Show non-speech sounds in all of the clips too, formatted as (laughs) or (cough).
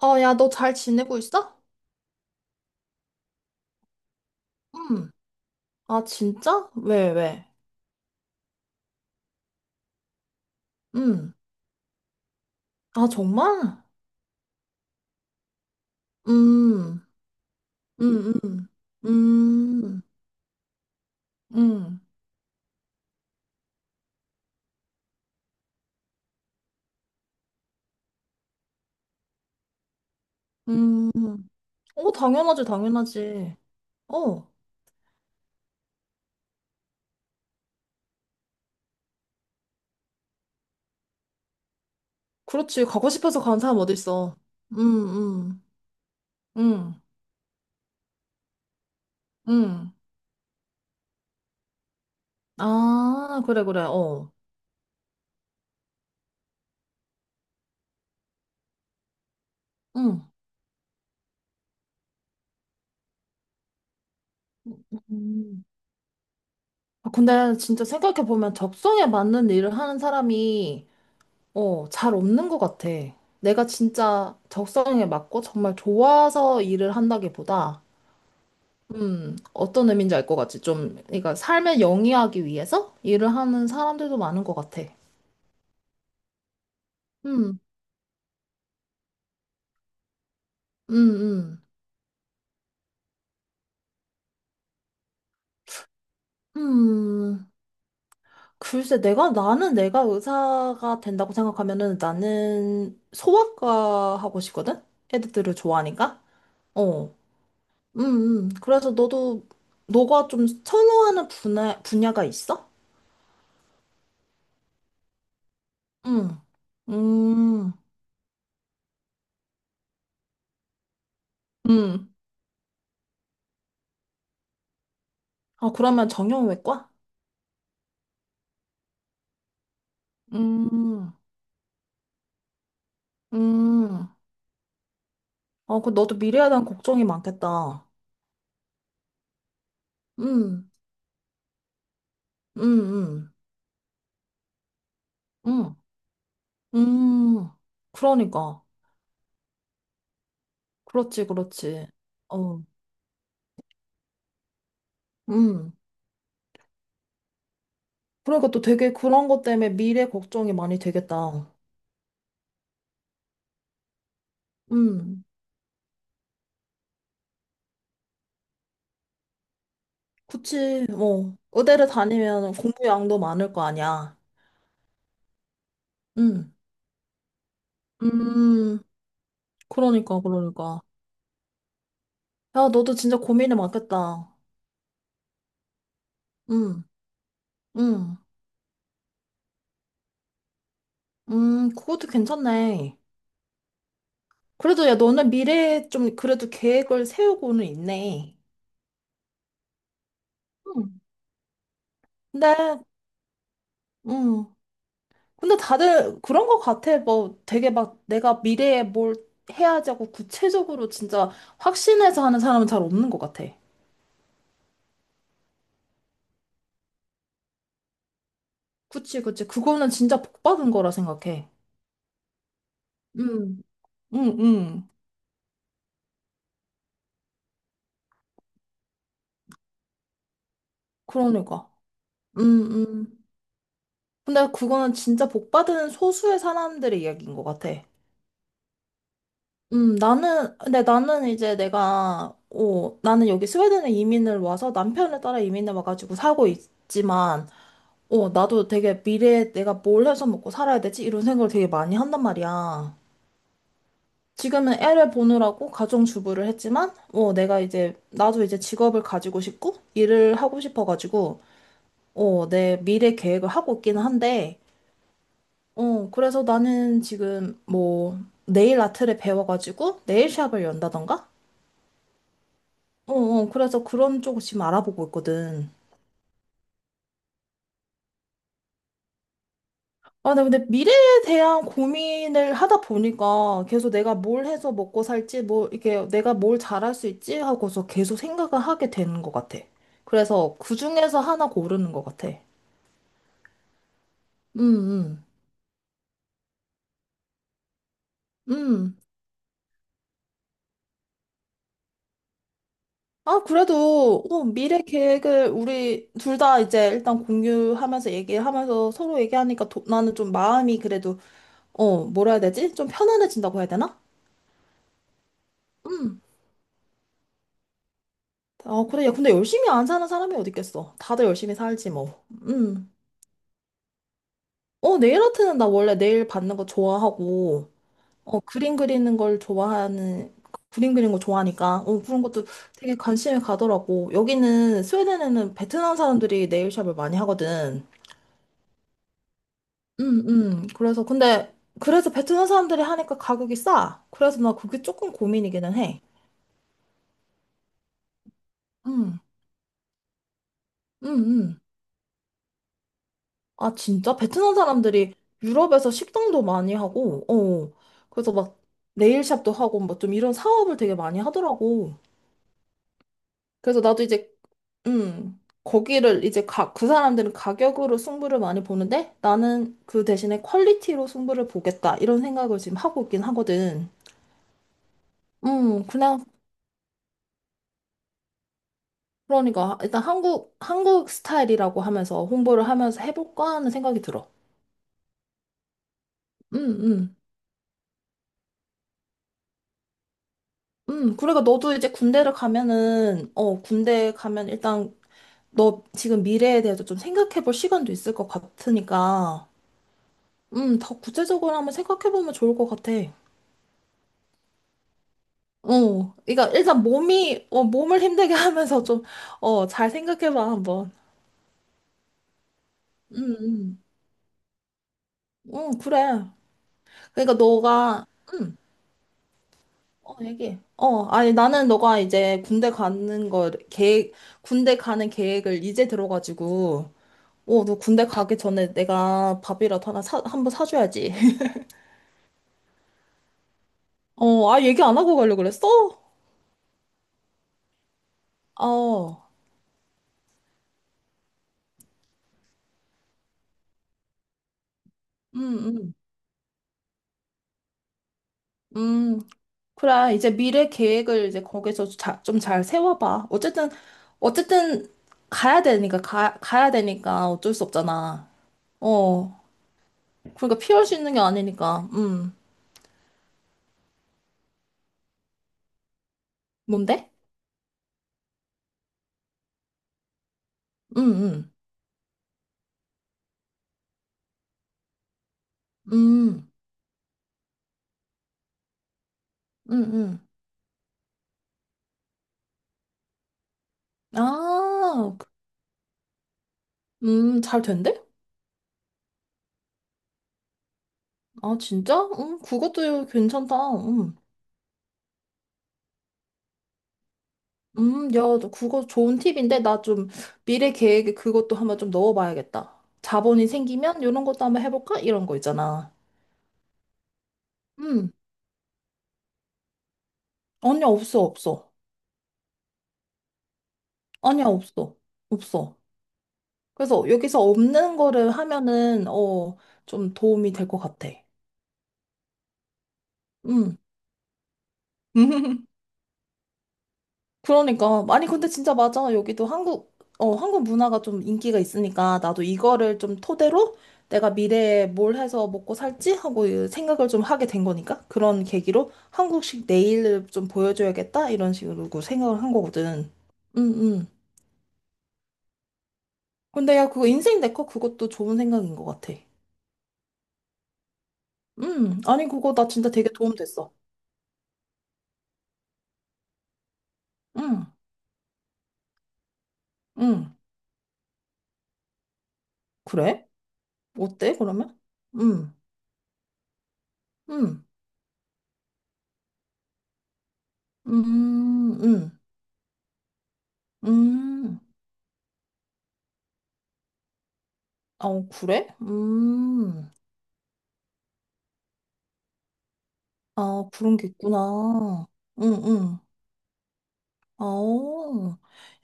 어, 야, 너 잘 지내고 있어? 음. 아, 진짜? 왜, 왜? 음. 아, 정말? 음. 음, 음. 음. 음. 음. 어, 당연하지, 당연하지. 어, 그렇지. 가고 싶어서 가는 사람 어딨어. 음, 음. 음. 음. 아, 그래, 그래. 어. 음. 음. 아, 근데 진짜 생각해보면 적성에 맞는 일을 하는 사람이 어, 잘 없는 것 같아. 내가 진짜 적성에 맞고 정말 좋아서 일을 한다기보다, 어떤 의미인지 알 것 같지? 좀, 그러니까 삶을 영위하기 위해서 일을 하는 사람들도 많은 것 같아. 음, 음, 음. 음, 글쎄, 나는 내가 의사가 된다고 생각하면은 나는 소아과 하고 싶거든? 애들을 좋아하니까? 어, 음, 그래서 너도, 너가 좀 선호하는 분야가 있어? 음, 음, 음. 아, 그러면 정형외과? 음, 음. 아, 그 너도 미래에 대한 걱정이 많겠다. 음, 음, 음, 음, 음. 그러니까. 그렇지, 그렇지. 어, 음. 그러니까 또 되게 그런 것 때문에 미래 걱정이 많이 되겠다. 음, 그치. 뭐, 의대를 다니면 공부량도 많을 거 아니야. 음, 음. 그러니까, 그러니까. 야, 너도 진짜 고민이 많겠다. 음. 음, 그것도 괜찮네. 그래도 야, 너는 미래에 좀 그래도 계획을 세우고는 있네. 음. 근데, 음, 근데 다들 그런 것 같아. 뭐 되게 막 내가 미래에 뭘 해야지 하고 구체적으로 진짜 확신해서 하는 사람은 잘 없는 것 같아. 그치, 그치. 그거는 진짜 복 받은 거라 생각해. 음. 응, 응. 그러니까. 응, 응. 근데 그거는 진짜 복 받은 소수의 사람들의 이야기인 것 같아. 나는, 근데 나는 어, 나는 여기 스웨덴에 이민을 와서 남편을 따라 이민을 와가지고 살고 있지만, 어, 나도 되게 미래에 내가 뭘 해서 먹고 살아야 되지? 이런 생각을 되게 많이 한단 말이야. 지금은 애를 보느라고 가정주부를 했지만, 어, 나도 이제 직업을 가지고 싶고, 일을 하고 싶어가지고, 어, 내 미래 계획을 하고 있기는 한데, 어, 그래서 나는 지금 뭐, 네일 아트를 배워가지고, 네일샵을 연다던가? 어, 어, 그래서 그런 쪽을 지금 알아보고 있거든. 아, 나 근데 미래에 대한 고민을 하다 보니까 계속 내가 뭘 해서 먹고 살지, 뭐, 이렇게 내가 뭘 잘할 수 있지 하고서 계속 생각을 하게 되는 것 같아. 그래서 그 중에서 하나 고르는 것 같아. 음, 음, 음. 아, 그래도, 어, 미래 계획을 우리 둘 다 이제 일단 공유하면서 얘기하면서 서로 얘기하니까 나는 좀 마음이 그래도, 어, 뭐라 해야 되지? 좀 편안해진다고 해야 되나? 음. 아, 그래. 야, 근데 열심히 안 사는 사람이 어디 있겠어. 다들 열심히 살지, 뭐. 음. 어, 네일 아트는 나 원래 네일 받는 거 좋아하고, 어, 그림 그리는 걸 좋아하는, 그림 그리는 거 좋아하니까, 어, 그런 것도 되게 관심이 가더라고. 스웨덴에는 베트남 사람들이 네일샵을 많이 하거든. 그래서 베트남 사람들이 하니까 가격이 싸. 그래서 나 그게 조금 고민이기는 해. 음, 음, 음. 아, 진짜? 베트남 사람들이 유럽에서 식당도 많이 하고, 어. 그래서 막 네일샵도 하고, 뭐 좀 이런 사업을 되게 많이 하더라고. 그래서 나도 이제, 거기를 그 사람들은 가격으로 승부를 많이 보는데 나는 그 대신에 퀄리티로 승부를 보겠다. 이런 생각을 지금 하고 있긴 하거든. 그냥, 그러니까 일단 한국 스타일이라고 하면서 홍보를 하면서 해볼까 하는 생각이 들어. 음, 음. 그러니까 너도 이제 군대를 가면은, 어, 군대 가면 일단 너 지금 미래에 대해서 좀 생각해 볼 시간도 있을 것 같으니까, 더 구체적으로 한번 생각해 보면 좋을 것 같아. 어, 그러니까 일단 몸이, 어, 몸을 힘들게 (laughs) 하면서 좀, 어, 잘 생각해 봐, 한번. 음, 그래. 그러니까 너가, 음, 어, 얘기해. 어, 아니, 나는 너가 이제 군대 가는 계획을 이제 들어가지고, 어, 너 군대 가기 전에 내가 밥이라도 하나 한번 사줘야지. (laughs) 어, 아, 얘기 안 하고 가려고 그랬어? 어, 음, 음, 음. 그래, 이제 미래 계획을 이제 거기서 좀 잘 세워봐. 어쨌든, 어쨌든, 가야 되니까, 가야 되니까 어쩔 수 없잖아. 어, 그러니까 피할 수 있는 게 아니니까, 뭔데? 음, 음, 음, 음, 음. 아, 잘 된대? 아, 진짜? 그것도 괜찮다. 음. 야, 너 그거 좋은 팁인데 나 좀 미래 계획에 그것도 한번 좀 넣어봐야겠다. 자본이 생기면 이런 것도 한번 해볼까? 이런 거 있잖아. 음, 아니야, 없어, 없어. 아니야, 없어. 없어. 그래서 여기서 없는 거를 하면은, 어, 좀 도움이 될 것 같아. 음. (laughs) 그러니까 아니 근데 진짜 맞아 여기도 한국 어 한국 문화가 좀 인기가 있으니까 나도 이거를 좀 토대로 내가 미래에 뭘 해서 먹고 살지 하고 이 생각을 좀 하게 된 거니까 그런 계기로 한국식 내일을 좀 보여줘야겠다 이런 식으로 그 생각을 한 거거든 응응. 근데 야 그거 인생 네컷 그것도 좋은 생각인 것 같아 응 아니 그거 나 진짜 되게 도움 됐어 응 응 그래 어때 그러면 응 응 응응 음, 음. 아, 어, 그래? 아, 그런 게 있구나. 응, 응. 아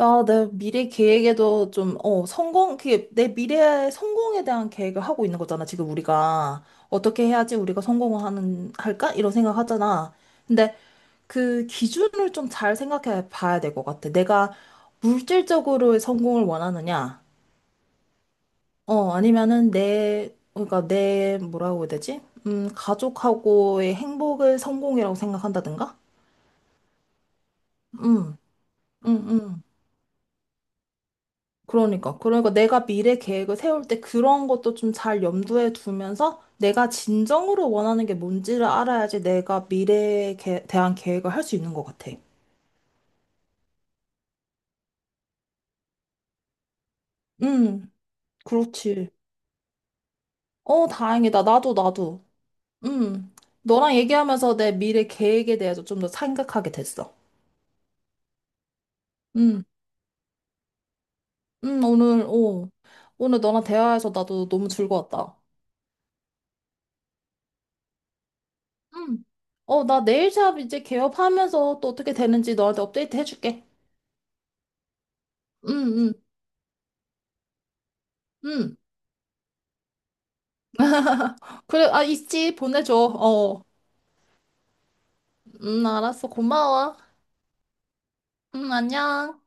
야, 내 미래 계획에도 좀, 어, 성공, 그게 내 미래의 성공에 대한 계획을 하고 있는 거잖아, 지금 우리가. 어떻게 해야지 우리가 성공을 하는, 할까? 이런 생각 하잖아. 근데 그 기준을 좀 잘 생각해 봐야 될 것 같아. 내가 물질적으로의 성공을 원하느냐? 어, 아니면은 내, 그러니까 내, 뭐라고 해야 되지? 가족하고의 행복을 성공이라고 생각한다든가? 음, 음, 음. 그러니까. 그러니까 내가 미래 계획을 세울 때 그런 것도 좀 잘 염두에 두면서 내가 진정으로 원하는 게 뭔지를 알아야지 내가 미래에 대한 계획을 할 수 있는 것 같아. 음, 그렇지. 어, 다행이다. 나도, 나도. 음, 너랑 얘기하면서 내 미래 계획에 대해서 좀 더 생각하게 됐어. 음. 응, 오늘, 오. 오늘 너랑 대화해서 나도 너무 즐거웠다. 응, 어, 나 네일샵 이제 개업하면서 또 어떻게 되는지 너한테 업데이트 해줄게. 응, 응, 응. 그래, 아, 있지. 보내줘. 어. 응, 알았어. 고마워. 응, 안녕.